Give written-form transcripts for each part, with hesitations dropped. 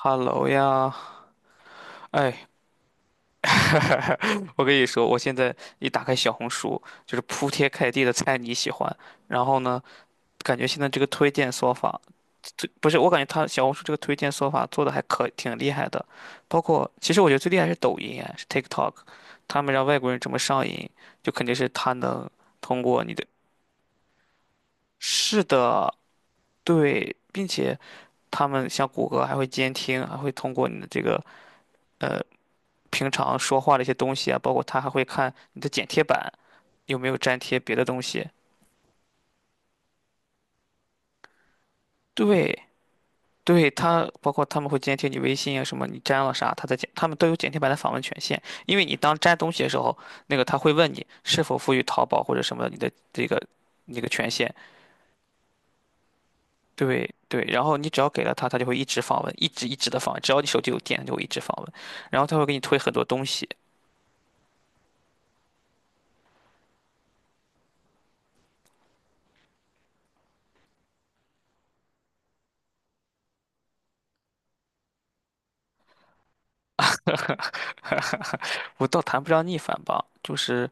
Hello 呀，哎，我跟你说，我现在一打开小红书，就是铺天盖地的猜你喜欢。然后呢，感觉现在这个推荐算法，这不是我感觉它小红书这个推荐算法做的还可挺厉害的。包括其实我觉得最厉害是抖音，哎，是 TikTok，他们让外国人怎么上瘾，就肯定是他能通过你的。是的，对，并且他们像谷歌还会监听，还会通过你的这个。呃。平常说话的一些东西啊，包括他还会看你的剪贴板有没有粘贴别的东西。对，对，他包括他们会监听你微信啊，什么你粘了啥，他在剪，他们都有剪贴板的访问权限。因为你当粘东西的时候，那个他会问你是否赋予淘宝或者什么你的这个那个权限。对对，然后你只要给了他，他就会一直访问，一直一直的访问，只要你手机有电，他就会一直访问，然后他会给你推很多东西。我倒谈不上逆反吧，就是。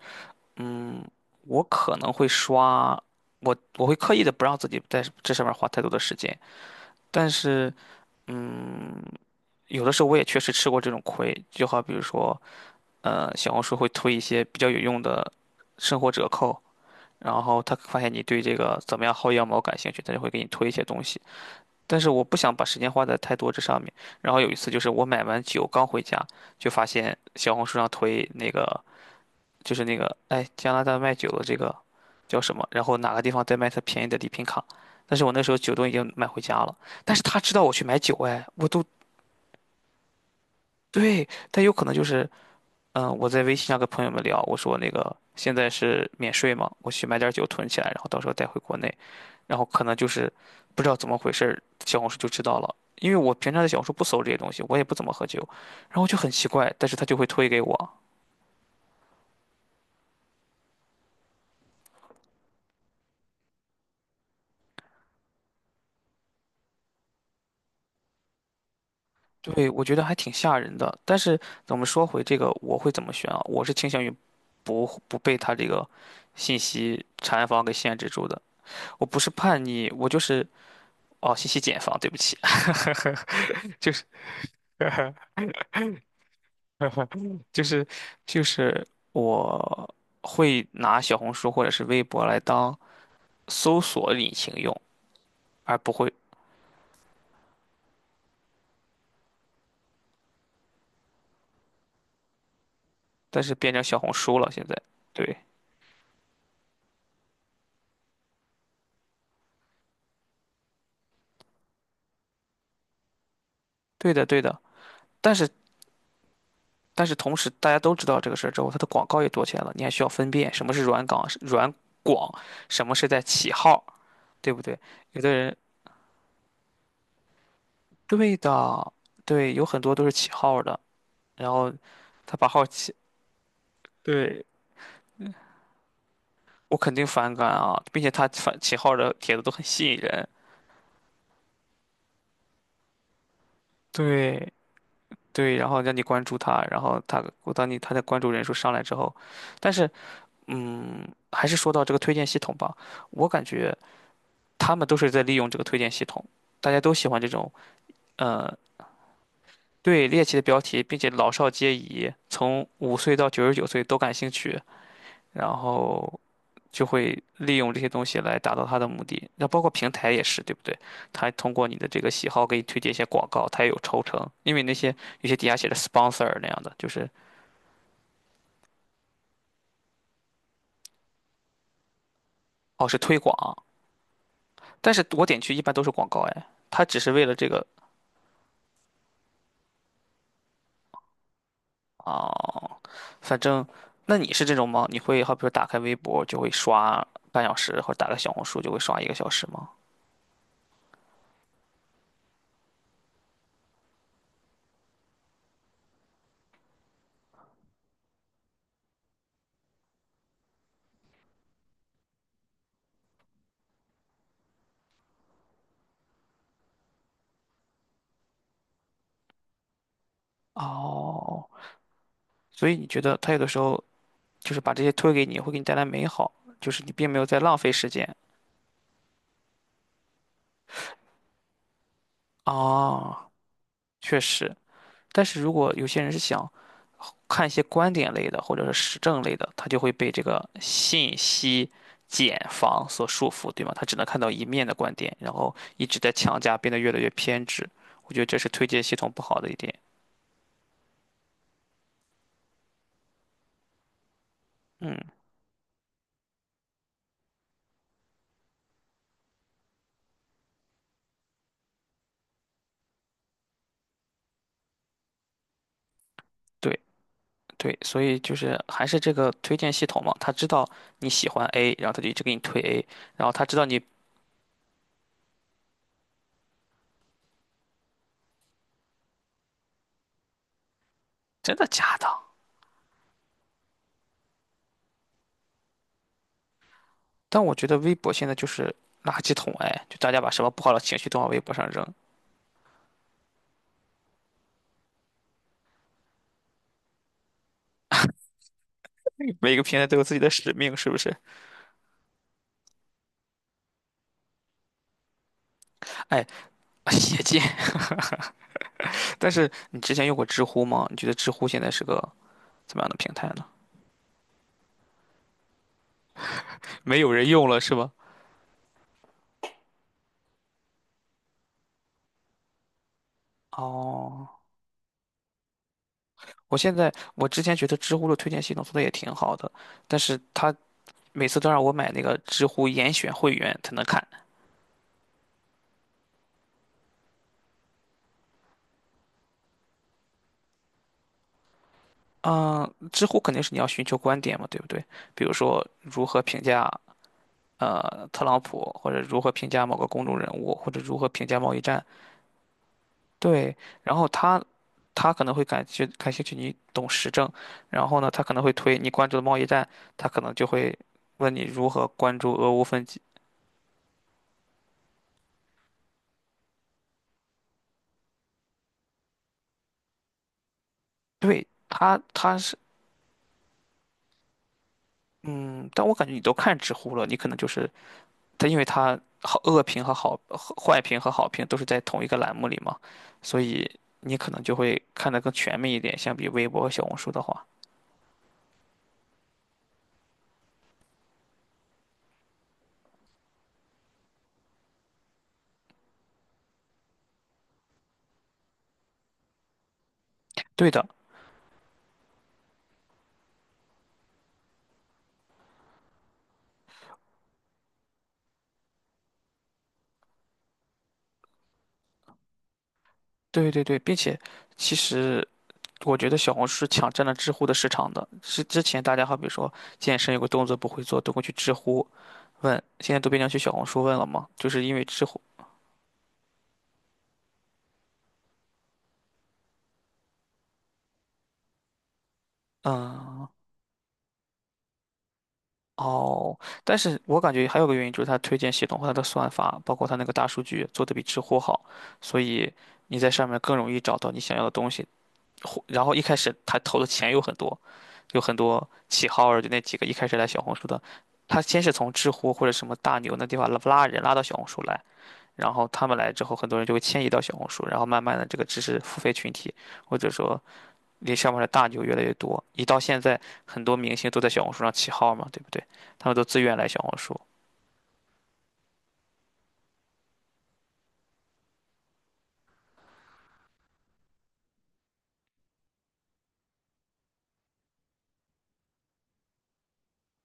嗯，我可能会刷，我会刻意的不让自己在这上面花太多的时间，但是，嗯，有的时候我也确实吃过这种亏，就好比如说，小红书会推一些比较有用的生活折扣，然后他发现你对这个怎么样薅羊毛感兴趣，他就会给你推一些东西，但是我不想把时间花在太多这上面。然后有一次就是我买完酒刚回家，就发现小红书上推那个。就是那个，哎，加拿大卖酒的这个叫什么？然后哪个地方在卖他便宜的礼品卡？但是我那时候酒都已经买回家了，但是他知道我去买酒，哎，我都对，但有可能就是，我在微信上跟朋友们聊，我说那个现在是免税嘛，我去买点酒囤起来，然后到时候带回国内，然后可能就是不知道怎么回事儿小红书就知道了，因为我平常在小红书不搜这些东西，我也不怎么喝酒，然后就很奇怪，但是他就会推给我。对，我觉得还挺吓人的。但是我们说回这个，我会怎么选啊？我是倾向于不被他这个信息茧房给限制住的。我不是叛逆，我就是哦，信息茧房，对不起，就是 就是就是我会拿小红书或者是微博来当搜索引擎用，而不会，但是变成小红书了现在。对，对的，对的。但是但是同时大家都知道这个事儿之后，它的广告也多起来了，你还需要分辨什么是软港、软广，什么是在起号，对不对？有的人对的，对，有很多都是起号的，然后他把号起，对，我肯定反感啊，并且他反起号的帖子都很吸引人，对对，然后让你关注他，然后他我当你他的关注人数上来之后，但是还是说到这个推荐系统吧，我感觉他们都是在利用这个推荐系统。大家都喜欢这种呃，对猎奇的标题，并且老少皆宜，从5岁到99岁都感兴趣，然后就会利用这些东西来达到他的目的。那包括平台也是，对不对？他通过你的这个喜好给你推荐一些广告，他也有抽成，因为那些有些底下写的 sponsor 那样的，就是哦是推广，但是我点去一般都是广告，哎，他只是为了这个啊、反正那你是这种吗？你会好比说打开微博就会刷半小时，或者打开小红书就会刷1个小时吗？哦，所以你觉得他有的时候就是把这些推给你，会给你带来美好，就是你并没有在浪费时间。啊。确实。但是如果有些人是想看一些观点类的或者是实证类的，他就会被这个信息茧房所束缚，对吗？他只能看到一面的观点，然后一直在强加，变得越来越偏执。我觉得这是推荐系统不好的一点。嗯，对。对，所以就是还是这个推荐系统嘛，他知道你喜欢 A，然后他就一直给你推 A，然后他知道你真的假的。但我觉得微博现在就是垃圾桶，哎，就大家把什么不好的情绪都往微博上扔，每个平台都有自己的使命，是不是？哎，邪见。但是你之前用过知乎吗？你觉得知乎现在是个怎么样的平台呢？没有人用了是吧？哦，我现在我之前觉得知乎的推荐系统做的也挺好的，但是它每次都让我买那个知乎严选会员才能看。嗯，知乎肯定是你要寻求观点嘛，对不对？比如说如何评价特朗普，或者如何评价某个公众人物，或者如何评价贸易战。对，然后他他可能会感觉感兴趣你懂时政，然后呢，他可能会推你关注的贸易战，他可能就会问你如何关注俄乌分歧。对，他是嗯，但我感觉你都看知乎了，你可能就是。它因为它好恶评和好和坏评和好评都是在同一个栏目里嘛，所以你可能就会看得更全面一点，相比微博和小红书的话。对的，对对对，并且其实我觉得小红书是抢占了知乎的市场的。是之前大家好比说健身有个动作不会做，都会去知乎问，现在都变成去小红书问了嘛，就是因为知乎，嗯。哦，但是我感觉还有个原因就是它推荐系统和它的算法，包括它那个大数据做的比知乎好，所以你在上面更容易找到你想要的东西。然后一开始他投的钱有很多，有很多起号儿，就那几个一开始来小红书的，他先是从知乎或者什么大牛那地方拉拉人拉到小红书来，然后他们来之后，很多人就会迁移到小红书，然后慢慢的这个知识付费群体或者说离上面的大牛越来越多，一到现在，很多明星都在小红书上起号嘛，对不对？他们都自愿来小红书，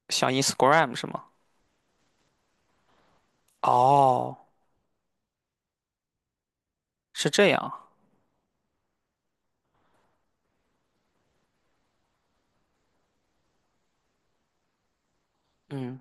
像 Instagram 是吗？哦，是这样，嗯，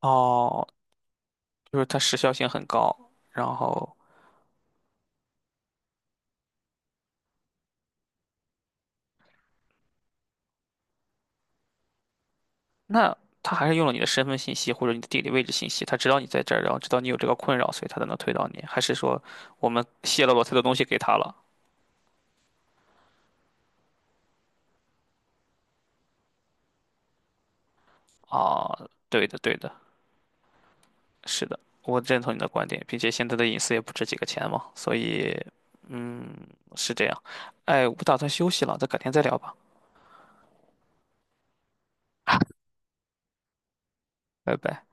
哦，就是它时效性很高，然后那他还是用了你的身份信息或者你的地理位置信息，他知道你在这儿，然后知道你有这个困扰，所以他才能推到你，还是说我们泄露了太多东西给他了？啊，对的，对的。是的，我认同你的观点，并且现在的隐私也不值几个钱嘛，所以，嗯，是这样。哎，我不打算休息了，咱改天再聊吧，拜拜。